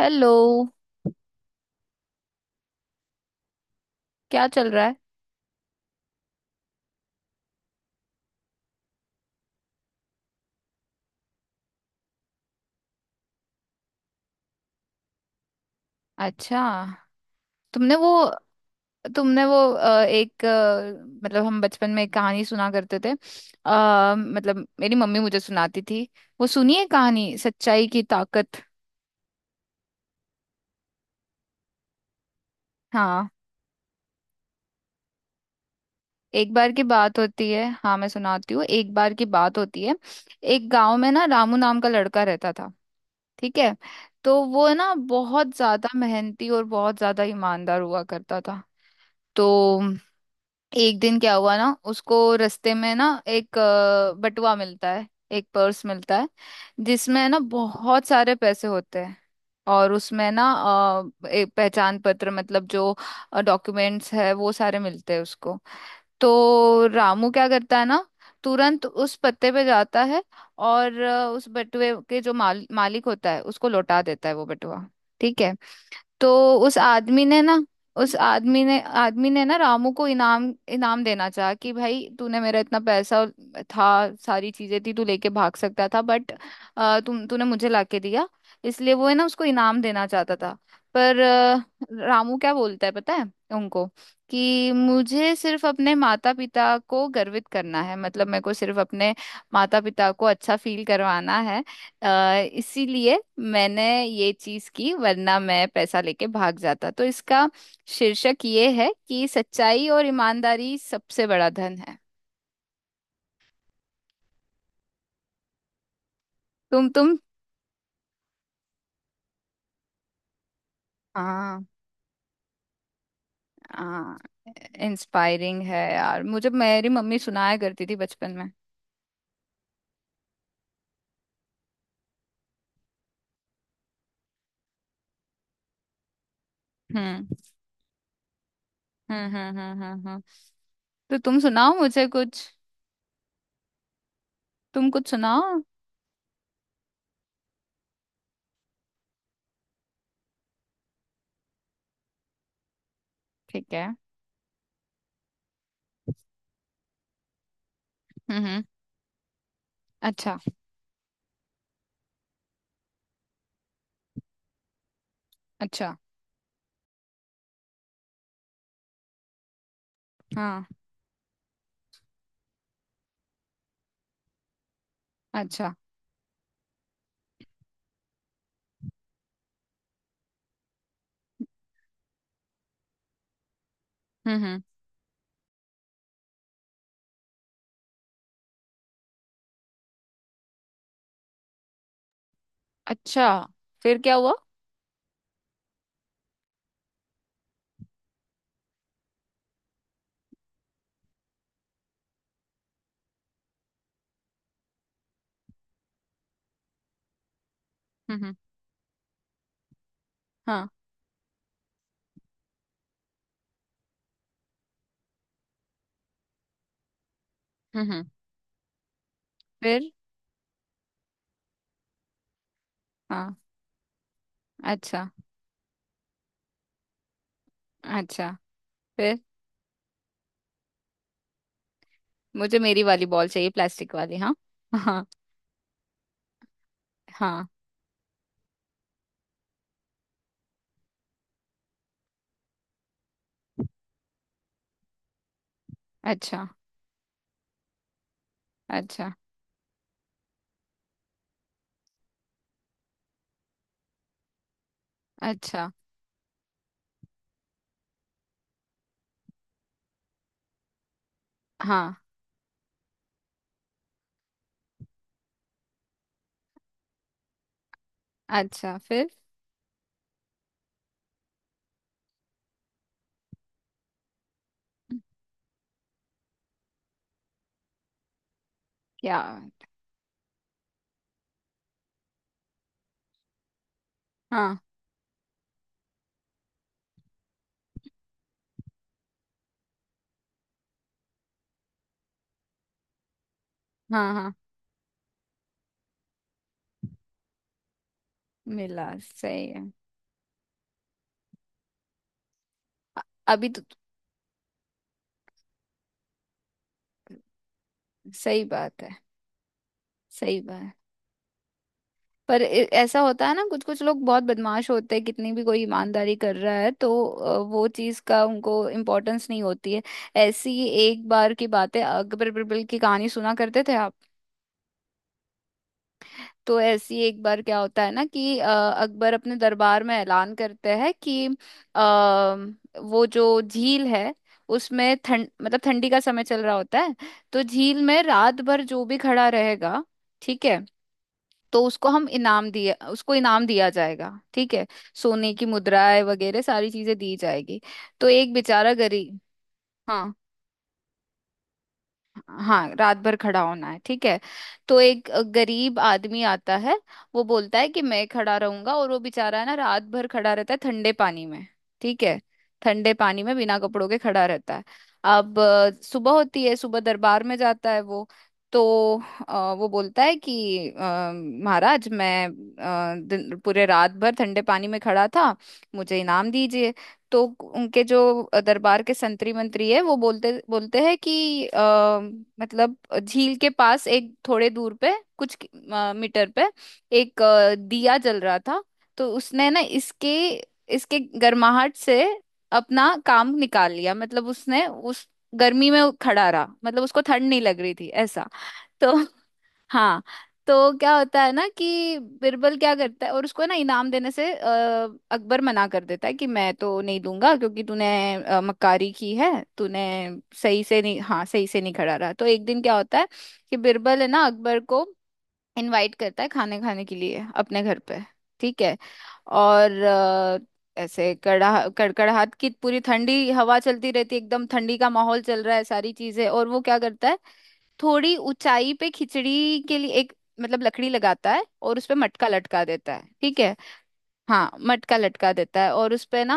Hello. क्या चल रहा है? अच्छा। तुमने वो तुमने वो एक मतलब हम बचपन में एक कहानी सुना करते थे। मतलब मेरी मम्मी मुझे सुनाती थी। वो सुनिए कहानी, सच्चाई की ताकत। हाँ। एक बार की बात होती है, हाँ मैं सुनाती हूँ, एक बार की बात होती है। एक गांव में ना, रामू नाम का लड़का रहता था। ठीक है। तो वो ना बहुत ज्यादा मेहनती और बहुत ज्यादा ईमानदार हुआ करता था। तो एक दिन क्या हुआ ना, उसको रास्ते में ना एक बटुआ मिलता है। एक पर्स मिलता है जिसमें ना बहुत सारे पैसे होते हैं। और उसमें ना एक पहचान पत्र, मतलब जो डॉक्यूमेंट्स है वो सारे मिलते हैं उसको। तो रामू क्या करता है ना, तुरंत उस पत्ते पे जाता है और उस बटुए के जो मालिक होता है उसको लौटा देता है वो बटुआ। ठीक है। तो उस आदमी ने ना रामू को इनाम इनाम देना चाहा, कि भाई तूने मेरा इतना पैसा और था, सारी चीजें थी, तू लेके भाग सकता था बट तुम तूने मुझे लाके दिया, इसलिए वो है ना उसको इनाम देना चाहता था। पर रामू क्या बोलता है पता है उनको, कि मुझे सिर्फ अपने माता पिता को गर्वित करना है, मतलब मेरे को सिर्फ अपने माता पिता को अच्छा फील करवाना है। अ, इसीलिए मैंने ये चीज की, वरना मैं पैसा लेके भाग जाता। तो इसका शीर्षक ये है कि सच्चाई और ईमानदारी सबसे बड़ा धन है। तुम। हाँ। हाँ। इंस्पायरिंग है यार, मुझे मेरी मम्मी सुनाया करती थी बचपन में। हम्म। हम्म। हम्म। हम्म। हम्म। हम्म। तो तुम सुनाओ मुझे कुछ। तुम कुछ सुनाओ। ठीक है। हम्म। हम्म। अच्छा। अच्छा। हाँ। अच्छा। हम्म। हम्म। अच्छा, फिर क्या हुआ? हम्म। हम्म। हाँ। हम्म। हम्म। फिर। हाँ। अच्छा। अच्छा, फिर मुझे मेरी वाली बॉल चाहिए, प्लास्टिक वाली। हाँ। हाँ। हाँ। अच्छा। अच्छा। अच्छा। हाँ। अच्छा, फिर क्या? हाँ। हाँ। हाँ। मिला, सही है। अ- अभी तो सही बात है। सही बात है। पर ऐसा होता है ना, कुछ कुछ लोग बहुत बदमाश होते हैं, कितनी भी कोई ईमानदारी कर रहा है तो वो चीज का उनको इम्पोर्टेंस नहीं होती है। ऐसी एक बार की बात है, अकबर बिरबल की कहानी सुना करते थे आप? तो ऐसी एक बार क्या होता है ना कि अकबर अपने दरबार में ऐलान करते हैं कि अ, वो जो झील है, उसमें ठंड मतलब ठंडी का समय चल रहा होता है, तो झील में रात भर जो भी खड़ा रहेगा, ठीक है, तो उसको इनाम दिया जाएगा। ठीक है। सोने की मुद्राएं वगैरह सारी चीजें दी जाएगी। तो एक बेचारा गरीब। हाँ। हाँ, रात भर खड़ा होना है, ठीक है। तो एक गरीब आदमी आता है, वो बोलता है कि मैं खड़ा रहूंगा, और वो बेचारा है ना, रात भर खड़ा रहता है ठंडे पानी में। ठीक है। ठंडे पानी में बिना कपड़ों के खड़ा रहता है। अब सुबह होती है, सुबह दरबार में जाता है वो। तो वो बोलता है कि महाराज मैं पूरे रात भर ठंडे पानी में खड़ा था, मुझे इनाम दीजिए। तो उनके जो दरबार के संतरी मंत्री है वो बोलते बोलते हैं कि मतलब झील के पास एक थोड़े दूर पे, कुछ मीटर पे एक दिया जल रहा था, तो उसने ना इसके इसके गर्माहट से अपना काम निकाल लिया, मतलब उसने उस गर्मी में खड़ा रहा, मतलब उसको ठंड नहीं लग रही थी ऐसा। तो हाँ, तो क्या होता है ना कि बिरबल क्या करता है, और उसको ना इनाम देने से अकबर मना कर देता है कि मैं तो नहीं दूंगा, क्योंकि तूने मक्कारी की है, तूने सही से नहीं खड़ा रहा। तो एक दिन क्या होता है कि बिरबल है ना, अकबर को इनवाइट करता है खाने खाने के लिए अपने घर पे। ठीक है। और ऐसे कड़ा कड़कड़ाहट की पूरी ठंडी हवा चलती रहती है, एकदम ठंडी का माहौल चल रहा है, सारी चीजें, और वो क्या करता है? थोड़ी ऊंचाई पे खिचड़ी के लिए एक, मतलब लकड़ी लगाता है और उस पे मटका लटका देता है, ठीक है। हाँ, मटका लटका देता है, और उस पे ना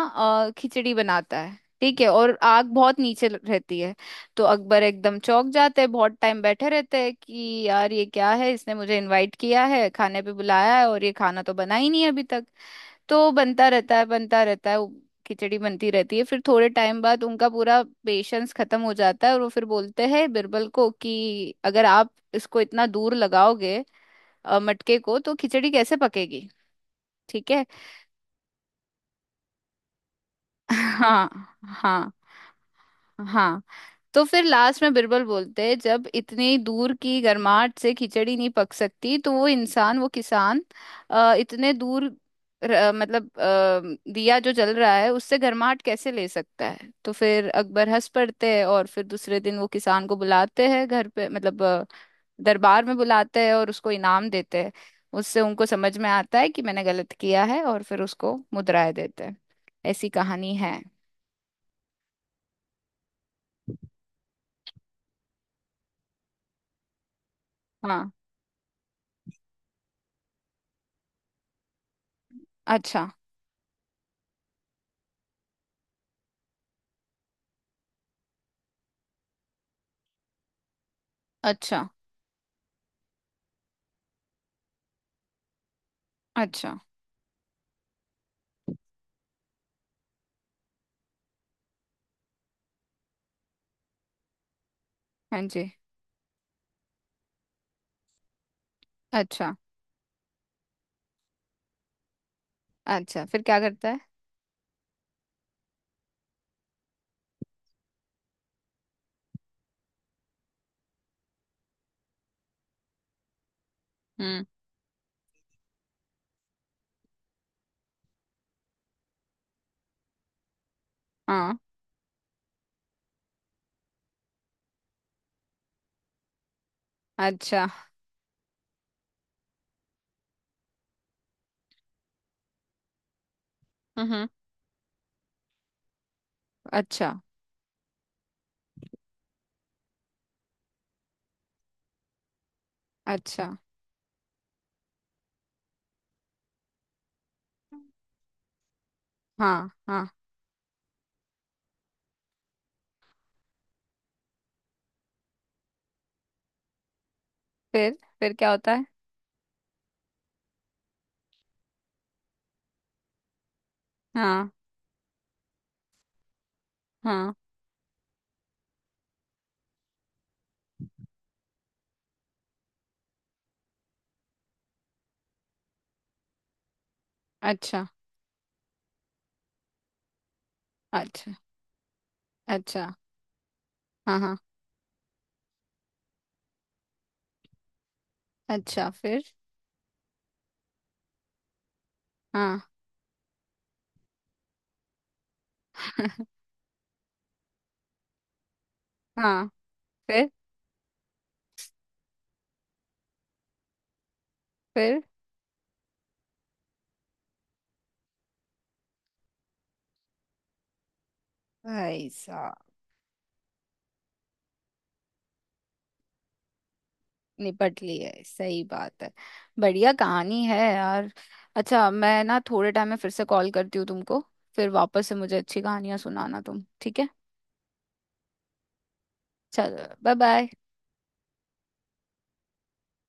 खिचड़ी बनाता है, ठीक है, और आग बहुत नीचे रहती है। तो अकबर एकदम चौंक जाते हैं, बहुत टाइम बैठे रहते हैं कि यार ये क्या है, इसने मुझे इनवाइट किया है, खाने पे बुलाया है और ये खाना तो बना ही नहीं है अभी तक। तो बनता रहता है, बनता रहता है वो, खिचड़ी बनती रहती है। फिर थोड़े टाइम बाद उनका पूरा पेशेंस खत्म हो जाता है और वो फिर बोलते हैं बिरबल को, कि अगर आप इसको इतना दूर लगाओगे मटके को, तो खिचड़ी कैसे पकेगी? ठीक है। हाँ। हाँ। हाँ। तो फिर लास्ट में बिरबल बोलते हैं, जब इतनी दूर की गर्माहट से खिचड़ी नहीं पक सकती तो वो किसान इतने दूर मतलब दिया जो जल रहा है उससे गर्माहट कैसे ले सकता है? तो फिर अकबर हंस पड़ते हैं, और फिर दूसरे दिन वो किसान को बुलाते हैं घर पे, मतलब दरबार में बुलाते हैं और उसको इनाम देते हैं। उससे उनको समझ में आता है कि मैंने गलत किया है, और फिर उसको मुद्राएं देते हैं। ऐसी कहानी है। हाँ। अच्छा। अच्छा। अच्छा। हाँ जी। अच्छा। अच्छा, फिर क्या करता है? हम्म। हाँ। अच्छा। हम्म। अच्छा। अच्छा। हाँ। हाँ। फिर क्या होता है? हाँ। हाँ। अच्छा। अच्छा। अच्छा। हाँ। हाँ। अच्छा। फिर। हाँ। हाँ। फिर। फिर भाई साहब, निपट ली है, सही बात है। बढ़िया कहानी है यार। अच्छा, मैं ना थोड़े टाइम में फिर से कॉल करती हूँ तुमको। फिर वापस से मुझे अच्छी कहानियां सुनाना तुम, ठीक है? चलो बाय बाय।